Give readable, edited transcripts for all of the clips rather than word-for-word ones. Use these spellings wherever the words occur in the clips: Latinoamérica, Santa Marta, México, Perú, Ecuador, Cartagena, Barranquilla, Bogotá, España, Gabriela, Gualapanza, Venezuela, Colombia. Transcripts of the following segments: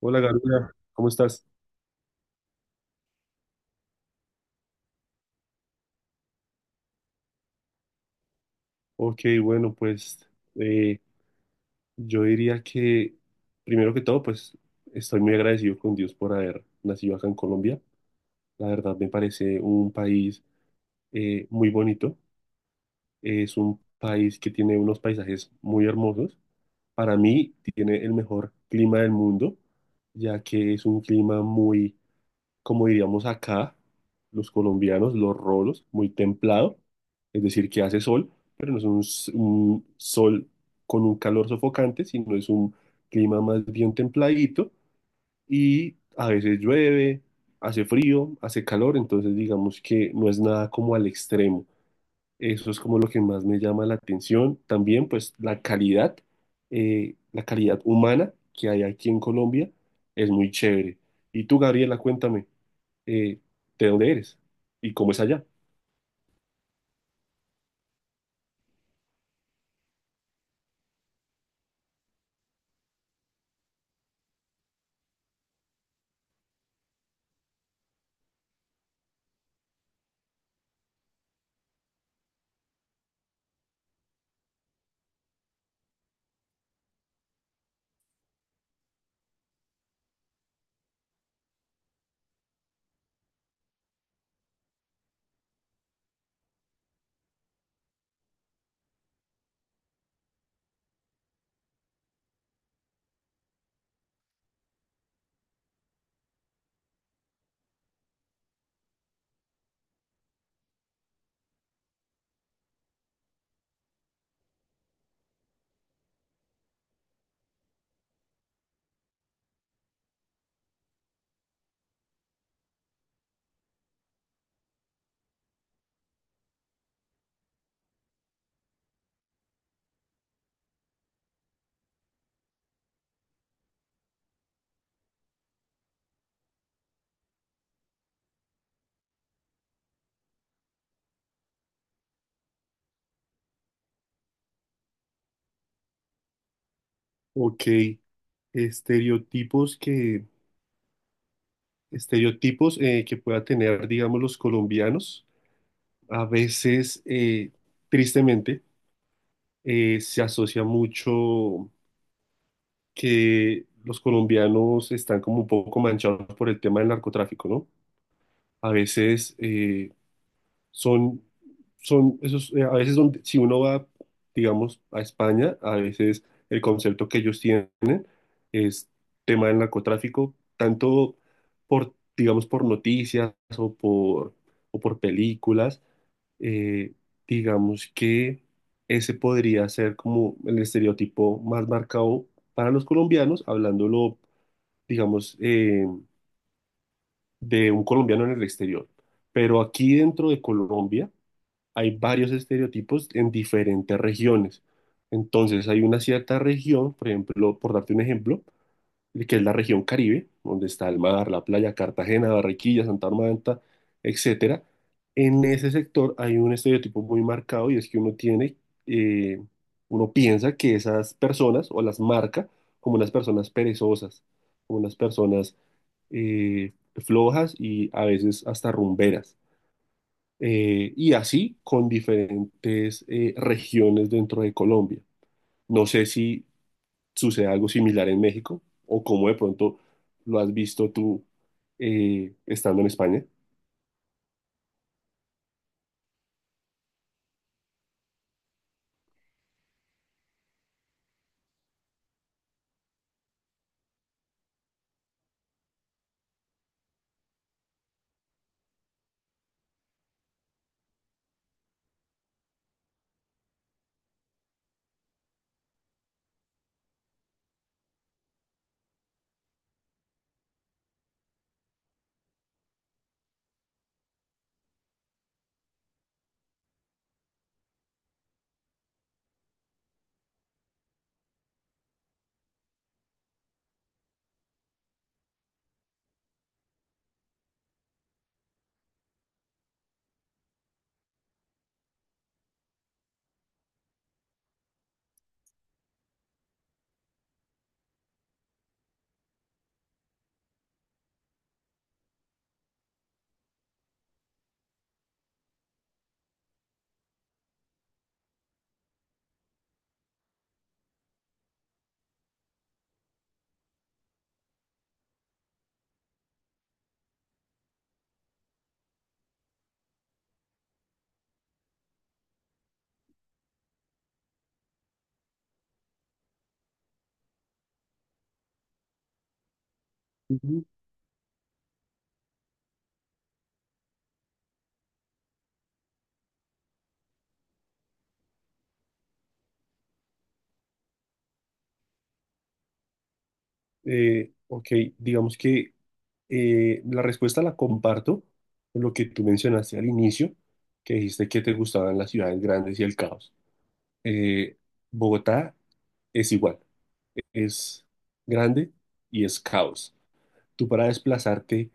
Hola Gabriela, ¿cómo estás? Ok, bueno, pues eh, yo diría que primero que todo, pues estoy muy agradecido con Dios por haber nacido acá en Colombia. La verdad me parece un país muy bonito. Es un país que tiene unos paisajes muy hermosos. Para mí tiene el mejor clima del mundo, ya que es un clima muy, como diríamos acá los colombianos, los rolos, muy templado, es decir, que hace sol, pero no es un, un sol con un calor sofocante, sino es un clima más bien templadito. Y a veces llueve, hace frío, hace calor, entonces digamos que no es nada como al extremo. Eso es como lo que más me llama la atención. También pues la calidad humana que hay aquí en Colombia es muy chévere. Y tú, Gabriela, cuéntame eh, de dónde eres y cómo es allá. Ok, estereotipos que, estereotipos que pueda tener, digamos, los colombianos, a veces, tristemente, se asocia mucho que los colombianos están como un poco manchados por el tema del narcotráfico, ¿no? A veces, son, son esos, a veces donde, si uno va, digamos, a España, a veces el concepto que ellos tienen es tema del narcotráfico, tanto por, digamos, por noticias o por películas. eh, digamos que ese podría ser como el estereotipo más marcado para los colombianos, hablándolo, digamos, de un colombiano en el exterior. Pero aquí dentro de Colombia, hay varios estereotipos en diferentes regiones. Entonces, hay una cierta región, por ejemplo, por darte un ejemplo, que es la región Caribe, donde está el mar, la playa, Cartagena, Barranquilla, Santa Marta, etcétera. En ese sector hay un estereotipo muy marcado, y es que eh, uno piensa que esas personas, o las marca como unas personas perezosas, como unas personas flojas y a veces hasta rumberas, y así con diferentes regiones dentro de Colombia. No sé si sucede algo similar en México o cómo de pronto lo has visto tú estando en España. Ujú. Ok, digamos que la respuesta la comparto con lo que tú mencionaste al inicio, que dijiste que te gustaban las ciudades grandes y el caos. Eh, Bogotá es igual, es grande y es caos. Tú para desplazarte,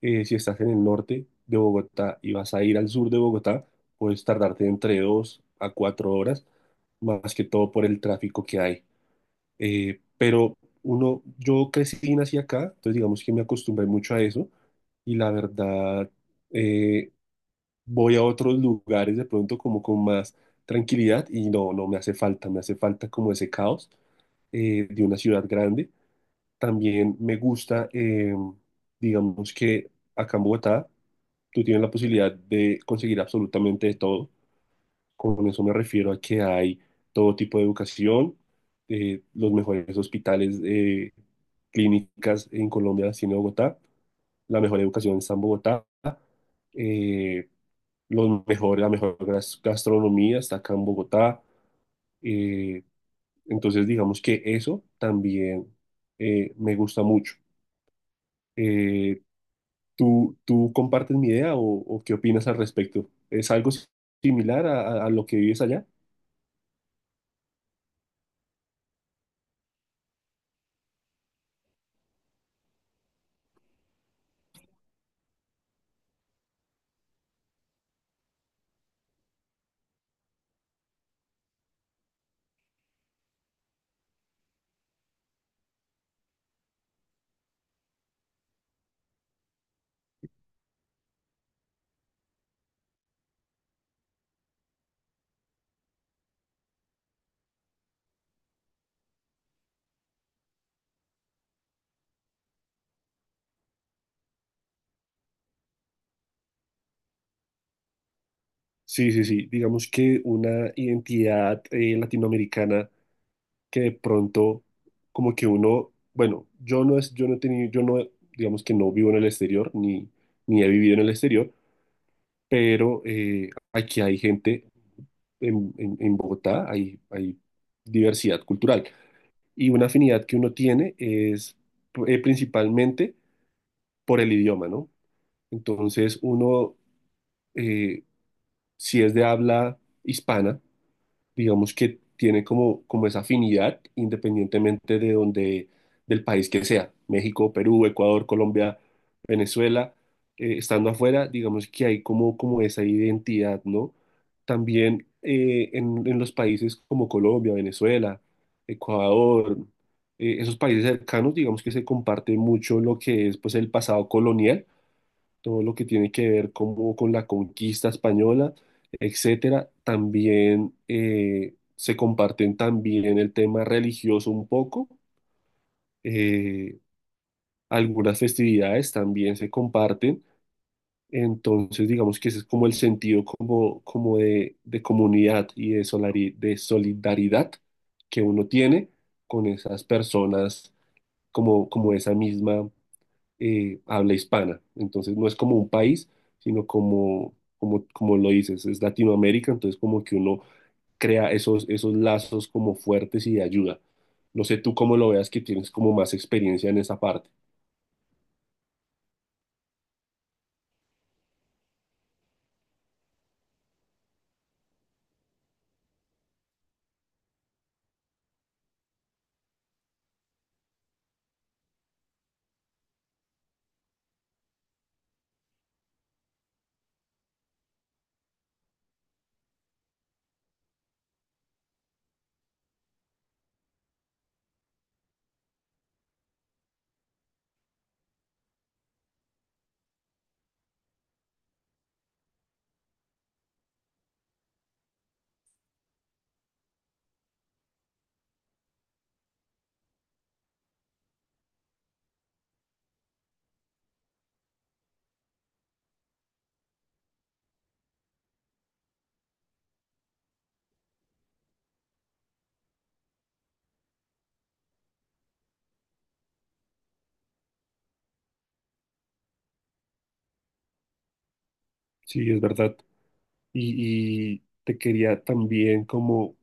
si estás en el norte de Bogotá y vas a ir al sur de Bogotá, puedes tardarte entre dos a cuatro horas, más que todo por el tráfico que hay. Pero uno, yo crecí y nací acá, entonces digamos que me acostumbré mucho a eso. Y la verdad, eh, voy a otros lugares de pronto como con más tranquilidad, y no, no me hace falta, me hace falta como ese caos de una ciudad grande. También me gusta, digamos que acá en Bogotá tú tienes la posibilidad de conseguir absolutamente de todo. Con eso me refiero a que hay todo tipo de educación, los mejores hospitales, clínicas en Colombia las tiene Bogotá, la mejor educación está en Bogotá, eh, los mejores, la mejor gastronomía está acá en Bogotá. Eh, entonces digamos que eso también me gusta mucho. Eh, ¿tú compartes mi idea, o qué opinas al respecto? ¿Es algo similar a, a lo que vives allá? Sí, sí, sí. Digamos que una identidad latinoamericana que de pronto, como que uno, bueno, yo no es, yo no he tenido, yo no, digamos, que no vivo en el exterior, ni, ni he vivido en el exterior, pero aquí hay gente en Bogotá, hay diversidad cultural. Y una afinidad que uno tiene es principalmente por el idioma, ¿no? Entonces, uno, eh, si es de habla hispana, digamos que tiene como esa afinidad, independientemente de donde, del país que sea, México, Perú, Ecuador, Colombia, Venezuela, estando afuera, digamos que hay como esa identidad, ¿no? También, en los países como Colombia, Venezuela, Ecuador, esos países cercanos, digamos que se comparte mucho lo que es, pues, el pasado colonial, todo lo que tiene que ver como con la conquista española, etcétera. También, se comparten también el tema religioso un poco, eh, algunas festividades también se comparten. Entonces, digamos que ese es como el sentido como de, comunidad y de solidaridad que uno tiene con esas personas, como esa misma habla hispana. Entonces no es como un país, sino como lo dices, es Latinoamérica, entonces como que uno crea esos lazos como fuertes y de ayuda. No sé tú cómo lo veas, que tienes como más experiencia en esa parte. Sí, es verdad. Y te quería también como,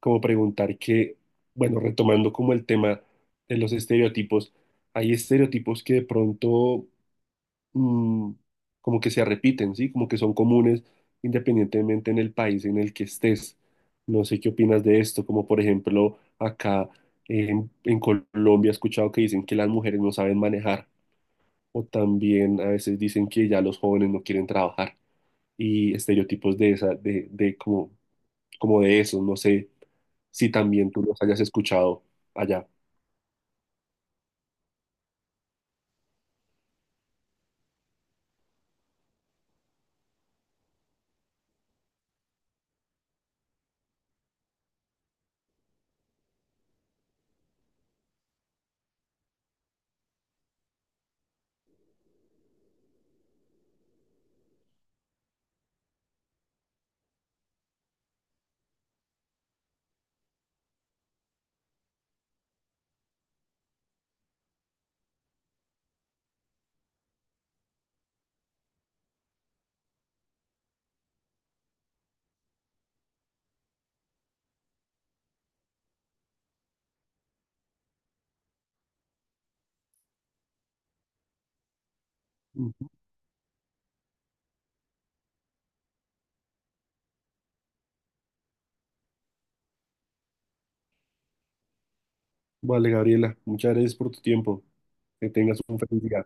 como preguntar que, bueno, retomando como el tema de los estereotipos, hay estereotipos que de pronto, mm, como que se repiten, ¿sí? Como que son comunes independientemente en el país en el que estés. No sé qué opinas de esto, como por ejemplo acá en Colombia he escuchado que dicen que las mujeres no saben manejar, o también a veces dicen que ya los jóvenes no quieren trabajar, y estereotipos de esa, de como, de esos. No sé si también tú los hayas escuchado allá. Ujú. Vale, Gabriela, muchas gracias por tu tiempo. Que tengas un feliz día.